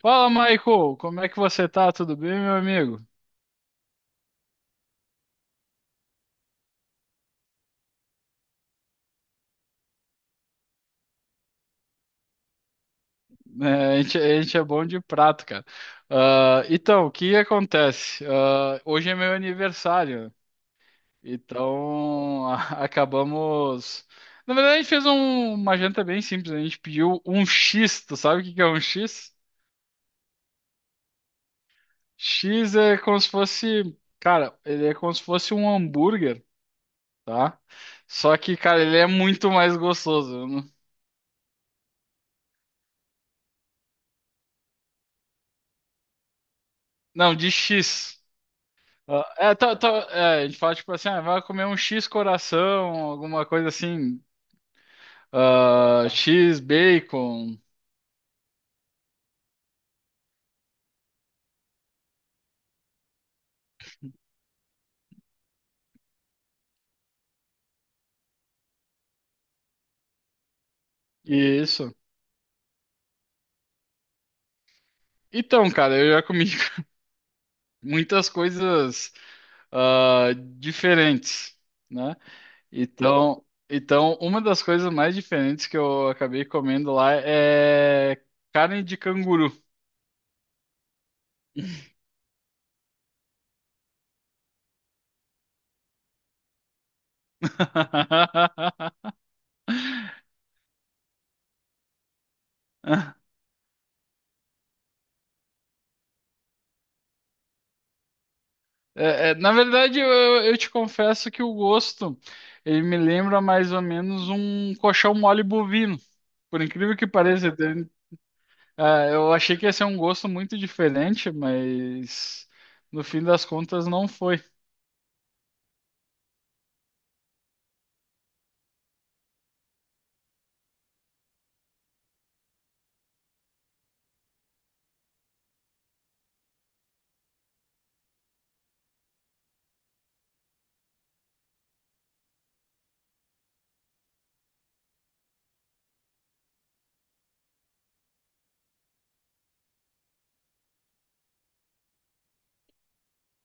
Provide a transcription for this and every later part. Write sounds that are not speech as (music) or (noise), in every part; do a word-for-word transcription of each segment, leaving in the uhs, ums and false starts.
Fala, Michael, como é que você tá? Tudo bem, meu amigo? É, a gente, a gente é bom de prato, cara. Ah, então, o que acontece? Ah, hoje é meu aniversário, então a- (laughs) acabamos. Na verdade, a gente fez um- uma janta bem simples, a gente pediu um X, tu sabe o que que é um X? X é como se fosse, cara, ele é como se fosse um hambúrguer, tá? Só que, cara, ele é muito mais gostoso, né? Não, de X. Ah, é, tá, tá, é, a gente fala tipo assim, ah, vai comer um X coração, alguma coisa assim, ah, X bacon, e isso. Então, cara, eu já comi (laughs) muitas coisas, ah, diferentes, né? Então, então, uma das coisas mais diferentes que eu acabei comendo lá é carne de canguru. (laughs) É, é, na verdade, eu, eu te confesso que o gosto, ele me lembra mais ou menos um colchão mole bovino. Por incrível que pareça, entende? Ah, eu achei que ia ser um gosto muito diferente, mas no fim das contas não foi.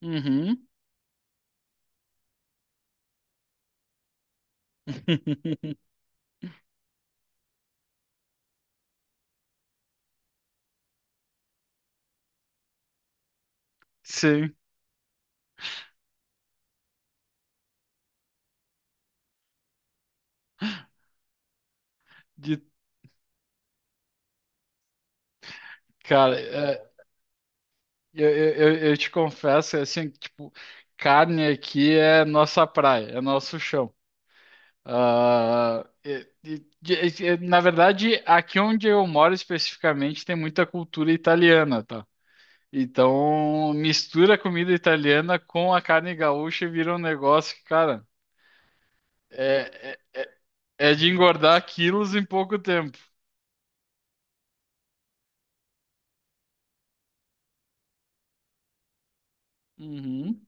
Uhum. (laughs) Sim, de cara, é, eu, eu, eu eu te confesso, é assim, que, tipo, carne aqui é nossa praia, é nosso chão. Ah, e- e- de- e- na verdade, aqui onde eu moro especificamente tem muita cultura italiana, tá? Então, mistura a comida italiana com a carne gaúcha e vira um negócio que, cara, é, é, é é de engordar quilos em pouco tempo. Uhum.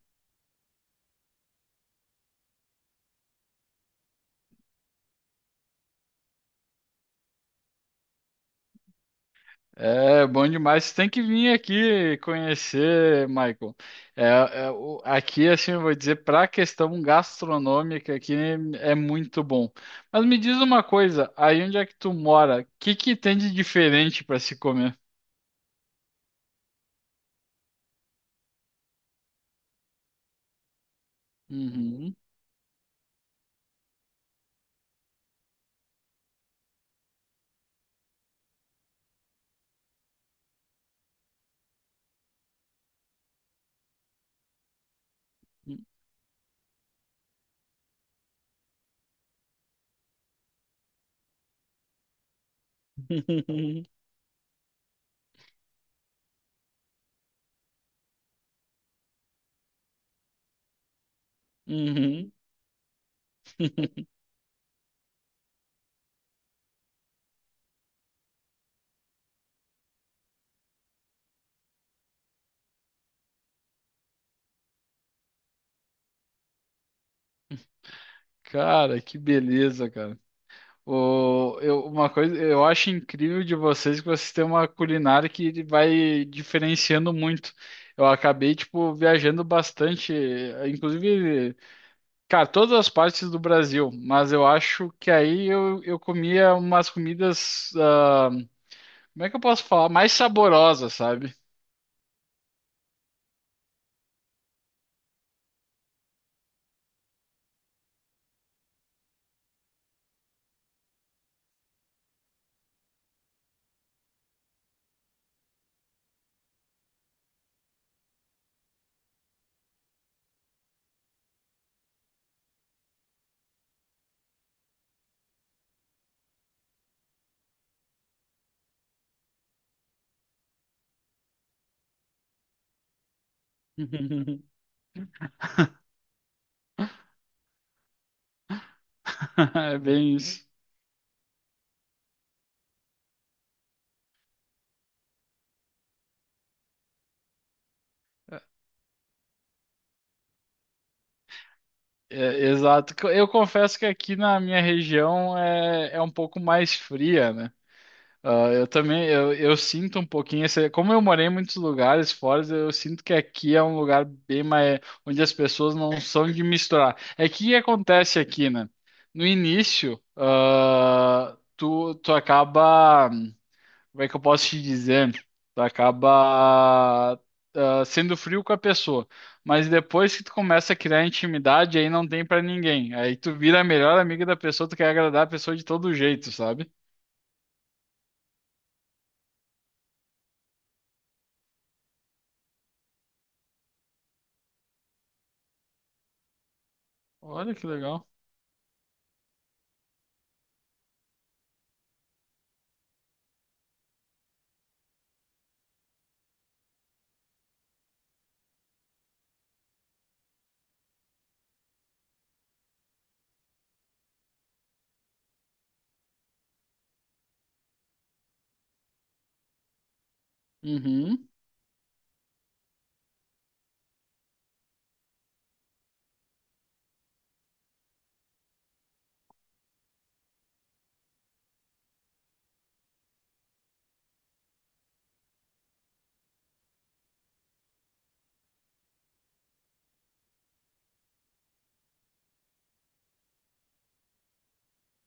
É bom demais. Você tem que vir aqui conhecer, Michael. É, é, o- aqui, assim, eu vou dizer, para a questão gastronômica, aqui é muito bom. Mas me diz uma coisa, aí onde é que tu mora? O que que tem de diferente para se comer? Uhum. (laughs) Uhum. (laughs) Cara, que beleza, cara. O, eu, uma coisa, eu acho incrível de vocês que vocês têm uma culinária que vai diferenciando muito. Eu acabei, tipo, viajando bastante, eh, inclusive, cara, todas as partes do Brasil, mas eu acho que aí eu, eu comia umas comidas, ah, como é que eu posso falar? Mais saborosas, sabe? (laughs) É bem isso. É, exato. Eu confesso que aqui na minha região é, é um pouco mais fria, né? Ah, eu também, eu, eu sinto um pouquinho esse, como eu morei em muitos lugares fora, eu sinto que aqui é um lugar bem mais, onde as pessoas não são de misturar. É que o que acontece aqui, né? No início, ah, tu, tu acaba, como é que eu posso te dizer? Tu acaba, ah, sendo frio com a pessoa, mas depois que tu começa a criar intimidade, aí não tem pra ninguém. Aí tu vira a melhor amiga da pessoa, tu quer agradar a pessoa de todo jeito, sabe? Olha que legal. Uhum.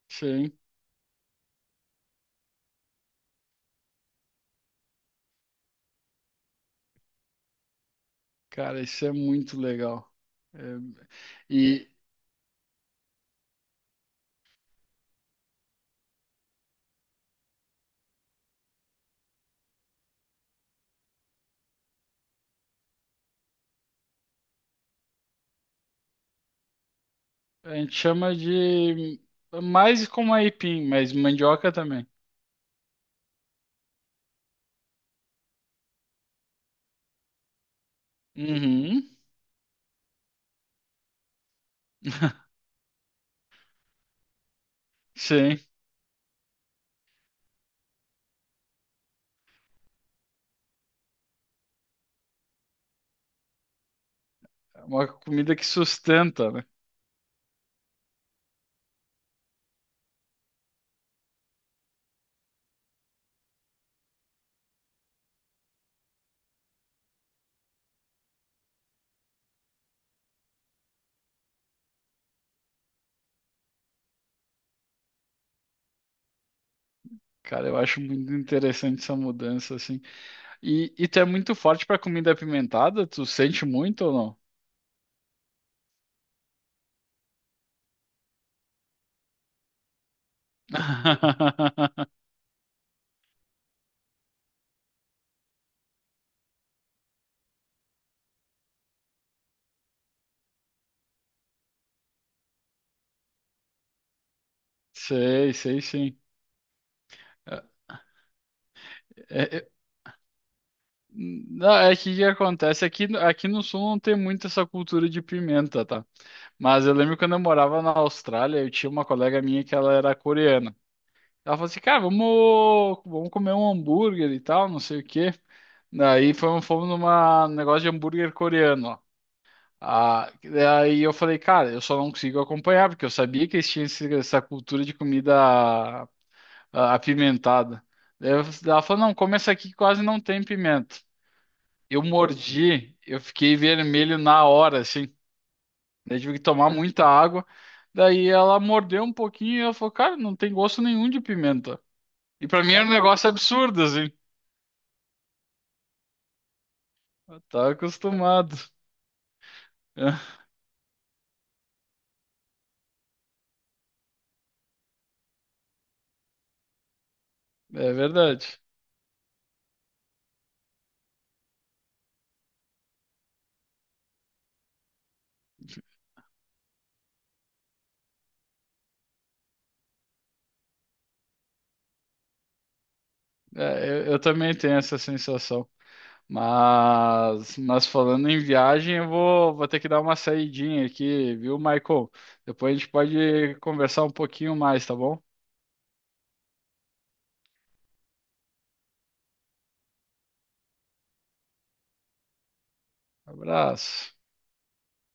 Sim, cara, isso é muito legal. É, e a gente chama de mais como aipim, mas mandioca também. Uhum. (laughs) Sim, é uma comida que sustenta, né? Cara, eu acho muito interessante essa mudança, assim. E, e tu é muito forte pra comida apimentada? Tu sente muito ou não? (laughs) Sei, sei sim. É, é, é, não, é que o que acontece aqui, aqui no sul não tem muito essa cultura de pimenta, tá? Mas eu lembro quando eu morava na Austrália, eu tinha uma colega minha que ela era coreana. Ela falou assim, cara, vamos, vamos comer um hambúrguer e tal, não sei o quê. Daí fomos, fomos numa um negócio de hambúrguer coreano, ó. Ah, daí eu falei, cara, eu só não consigo acompanhar, porque eu sabia que eles tinham esse- essa cultura de comida, ah, apimentada. Daí eu- ela falou, não, come essa aqui que quase não tem pimenta. Eu mordi, eu fiquei vermelho na hora, assim. Daí tive que tomar muita água. Daí ela mordeu um pouquinho e ela falou, cara, não tem gosto nenhum de pimenta. E pra mim era um negócio absurdo, assim. Eu tava acostumado. (laughs) É verdade. É, eu, eu também tenho essa sensação. Mas, mas falando em viagem, eu vou, vou ter que dar uma saidinha aqui, viu, Michael? Depois a gente pode conversar um pouquinho mais, tá bom? Abraço.